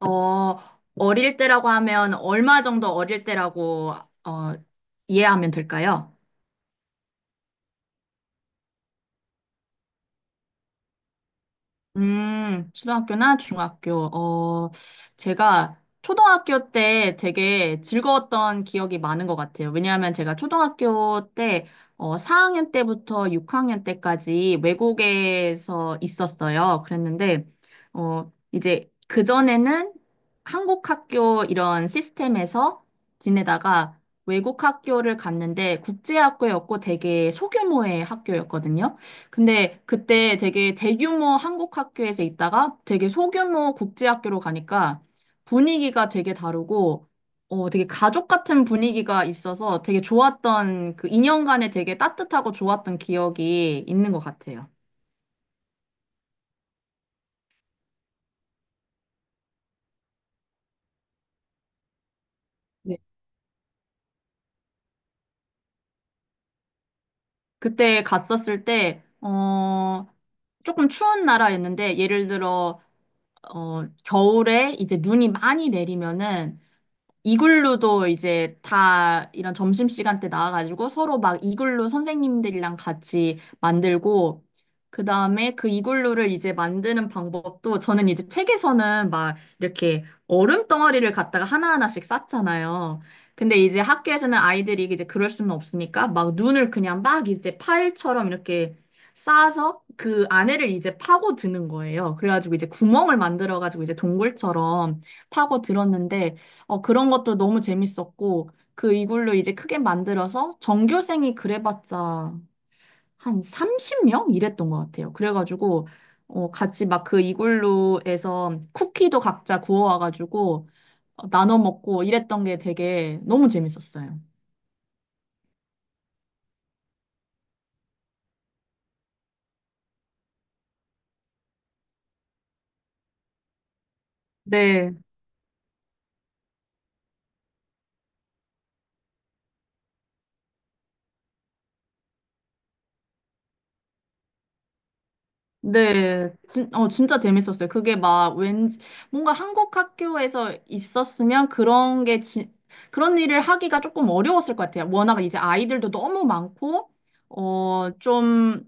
어, 어릴 때라고 하면 얼마 정도 어릴 때라고 어, 이해하면 될까요? 초등학교나 중학교. 제가 초등학교 때 되게 즐거웠던 기억이 많은 것 같아요. 왜냐하면 제가 초등학교 때, 4학년 때부터 6학년 때까지 외국에서 있었어요. 그랬는데, 이제 그전에는 한국 학교 이런 시스템에서 지내다가 외국 학교를 갔는데 국제학교였고 되게 소규모의 학교였거든요. 근데 그때 되게 대규모 한국 학교에서 있다가 되게 소규모 국제 학교로 가니까 분위기가 되게 다르고 되게 가족 같은 분위기가 있어서 되게 좋았던 그 2년간에 되게 따뜻하고 좋았던 기억이 있는 것 같아요. 네. 그때 갔었을 때, 조금 추운 나라였는데, 예를 들어, 겨울에 이제 눈이 많이 내리면은 이글루도 이제 다 이런 점심시간 때 나와가지고 서로 막 이글루 선생님들이랑 같이 만들고, 그 다음에 그 이글루를 이제 만드는 방법도 저는 이제 책에서는 막 이렇게 얼음 덩어리를 갖다가 하나하나씩 쌌잖아요. 근데 이제 학교에서는 아이들이 이제 그럴 수는 없으니까 막 눈을 그냥 막 이제 파일처럼 이렇게 쌓아서 그 안에를 이제 파고 드는 거예요. 그래가지고 이제 구멍을 만들어가지고 이제 동굴처럼 파고 들었는데 그런 것도 너무 재밌었고, 그 이걸로 이제 크게 만들어서 전교생이 그래봤자 한 30명? 이랬던 것 같아요. 그래가지고, 같이 막 그 이글루에서 쿠키도 각자 구워와가지고 나눠 먹고 이랬던 게 되게 너무 재밌었어요. 네. 네, 진짜 재밌었어요. 그게 막 왠지, 뭔가 한국 학교에서 있었으면 그런 게, 그런 일을 하기가 조금 어려웠을 것 같아요. 워낙 이제 아이들도 너무 많고, 좀,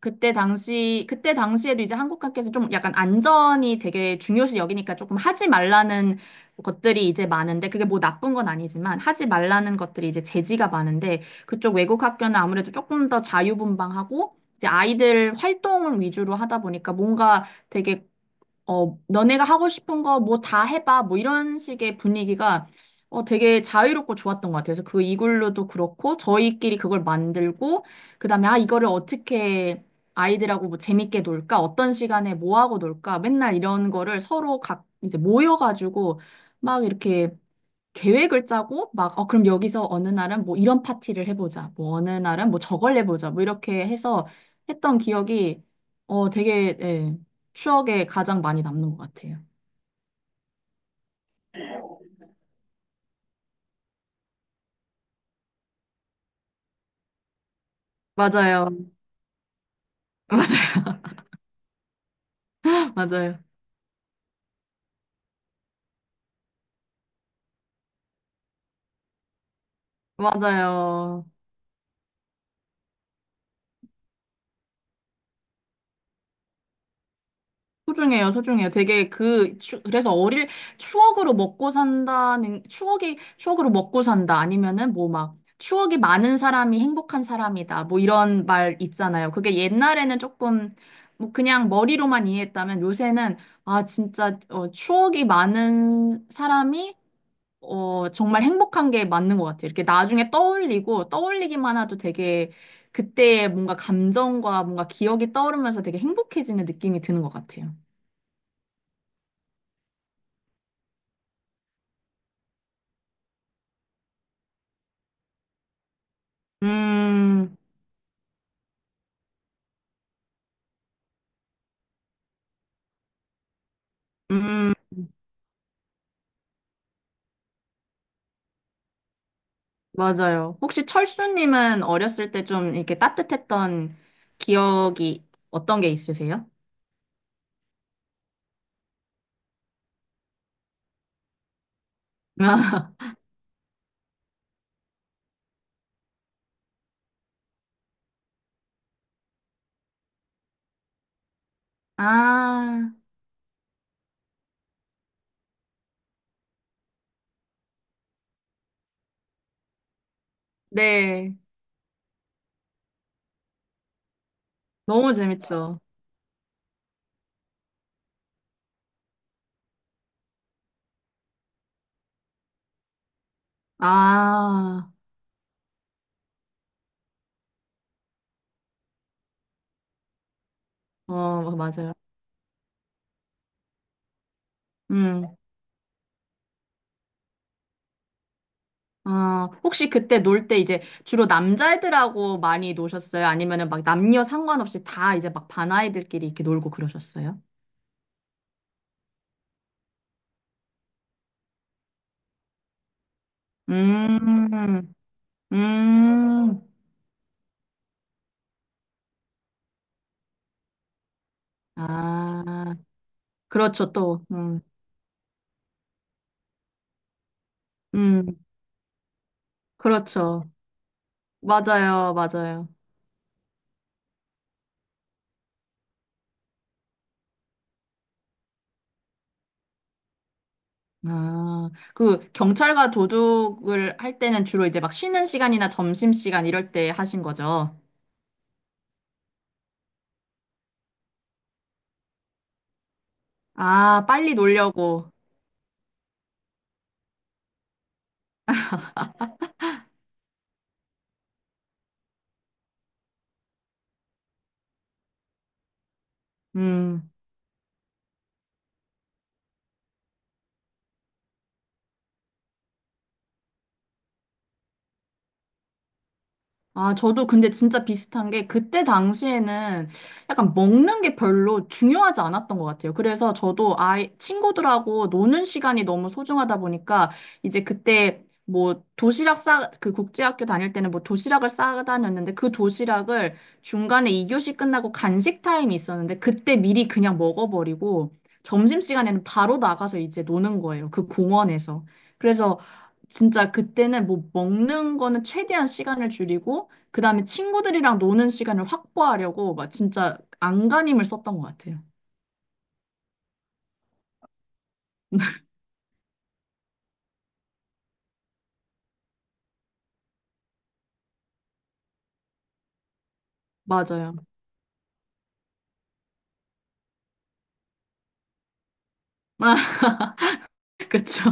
그때 당시에도 이제 한국 학교에서 좀 약간 안전이 되게 중요시 여기니까 조금 하지 말라는 것들이 이제 많은데, 그게 뭐 나쁜 건 아니지만, 하지 말라는 것들이 이제 제지가 많은데, 그쪽 외국 학교는 아무래도 조금 더 자유분방하고, 이제 아이들 활동을 위주로 하다 보니까 뭔가 되게 너네가 하고 싶은 거 뭐 다 해봐. 뭐 이런 식의 분위기가 되게 자유롭고 좋았던 것 같아요. 그래서 그 이글루도 그렇고 저희끼리 그걸 만들고 그다음에 아, 이거를 어떻게 아이들하고 뭐 재밌게 놀까? 어떤 시간에 뭐 하고 놀까? 맨날 이런 거를 서로 각 이제 모여가지고 막 이렇게 계획을 짜고 막, 그럼 여기서 어느 날은 뭐 이런 파티를 해보자. 뭐 어느 날은 뭐 저걸 해보자. 뭐 이렇게 해서 했던 기억이 되게, 예, 추억에 가장 많이 남는 것 같아요. 맞아요. 맞아요. 맞아요. 맞아요. 소중해요, 소중해요. 되게 그래서 추억으로 먹고 산다는, 추억으로 먹고 산다. 아니면은 뭐 막, 추억이 많은 사람이 행복한 사람이다. 뭐 이런 말 있잖아요. 그게 옛날에는 조금, 뭐 그냥 머리로만 이해했다면 요새는, 아, 진짜, 추억이 많은 사람이, 정말 행복한 게 맞는 것 같아요. 이렇게 나중에 떠올리고, 떠올리기만 해도 되게, 그때의 뭔가 감정과 뭔가 기억이 떠오르면서 되게 행복해지는 느낌이 드는 것 같아요. 음, 음, 맞아요. 혹시 철수님은 어렸을 때 좀 이렇게 따뜻했던 기억이 어떤 게 있으세요? 아, 네. 너무 재밌죠. 아, 맞아요. 음, 혹시 그때 놀 때 이제 주로 남자애들하고 많이 노셨어요? 아니면은 막 남녀 상관없이 다 이제 막 반아이들끼리 이렇게 놀고 그러셨어요? 음, 음, 아, 그렇죠, 또. 음. 음, 그렇죠. 맞아요, 맞아요. 아, 그 경찰과 도둑을 할 때는 주로 이제 막 쉬는 시간이나 점심시간 이럴 때 하신 거죠. 아, 빨리 놀려고. 음. 아, 저도 근데 진짜 비슷한 게 그때 당시에는 약간 먹는 게 별로 중요하지 않았던 것 같아요. 그래서 저도 친구들하고 노는 시간이 너무 소중하다 보니까 이제 그때 뭐 도시락 그 국제학교 다닐 때는 뭐 도시락을 싸 다녔는데 그 도시락을 중간에 2교시 끝나고 간식 타임이 있었는데 그때 미리 그냥 먹어버리고 점심시간에는 바로 나가서 이제 노는 거예요. 그 공원에서. 그래서 진짜 그때는 뭐 먹는 거는 최대한 시간을 줄이고 그다음에 친구들이랑 노는 시간을 확보하려고 막 진짜 안간힘을 썼던 것 같아요. 맞아요. 아, 그쵸.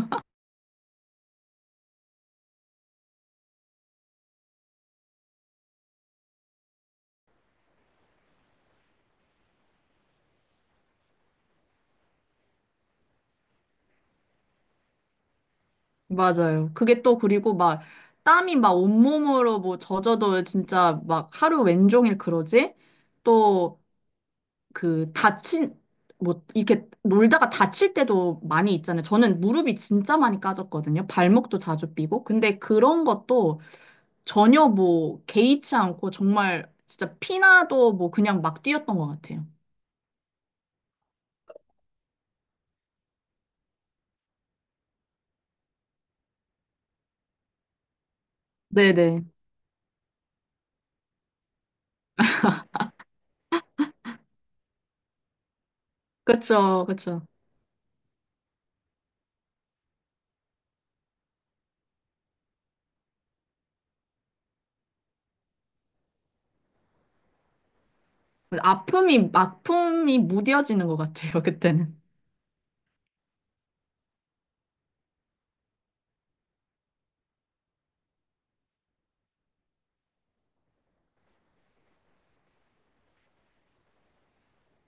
맞아요. 그게 또 그리고 막 땀이 막 온몸으로 뭐 젖어도 진짜 막 하루 왼종일 그러지? 또 그 다친 뭐 이렇게 놀다가 다칠 때도 많이 있잖아요. 저는 무릎이 진짜 많이 까졌거든요. 발목도 자주 삐고. 근데 그런 것도 전혀 뭐 개의치 않고 정말 진짜 피나도 뭐 그냥 막 뛰었던 것 같아요. 네네. 그쵸, 그쵸. 아픔이 무뎌지는 것 같아요, 그때는.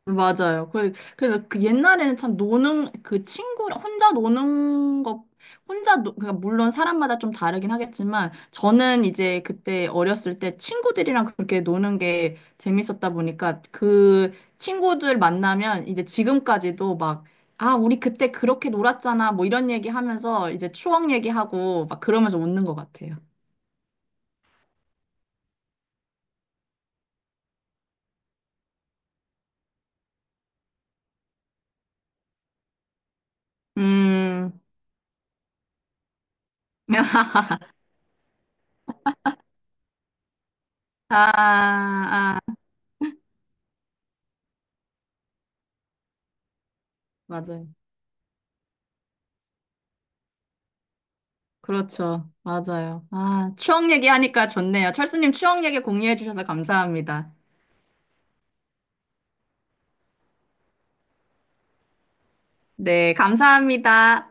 맞아요. 그래서 그 옛날에는 참 노는, 그 친구, 혼자 노는 것, 그러니까 물론 사람마다 좀 다르긴 하겠지만, 저는 이제 그때 어렸을 때 친구들이랑 그렇게 노는 게 재밌었다 보니까, 그 친구들 만나면 이제 지금까지도 막, 아, 우리 그때 그렇게 놀았잖아, 뭐 이런 얘기 하면서 이제 추억 얘기하고 막 그러면서 웃는 것 같아요. 음. 아, 아, 맞아요. 그렇죠. 맞아요. 아, 추억 얘기하니까 좋네요. 철수님 추억 얘기 공유해 주셔서 감사합니다. 네, 감사합니다.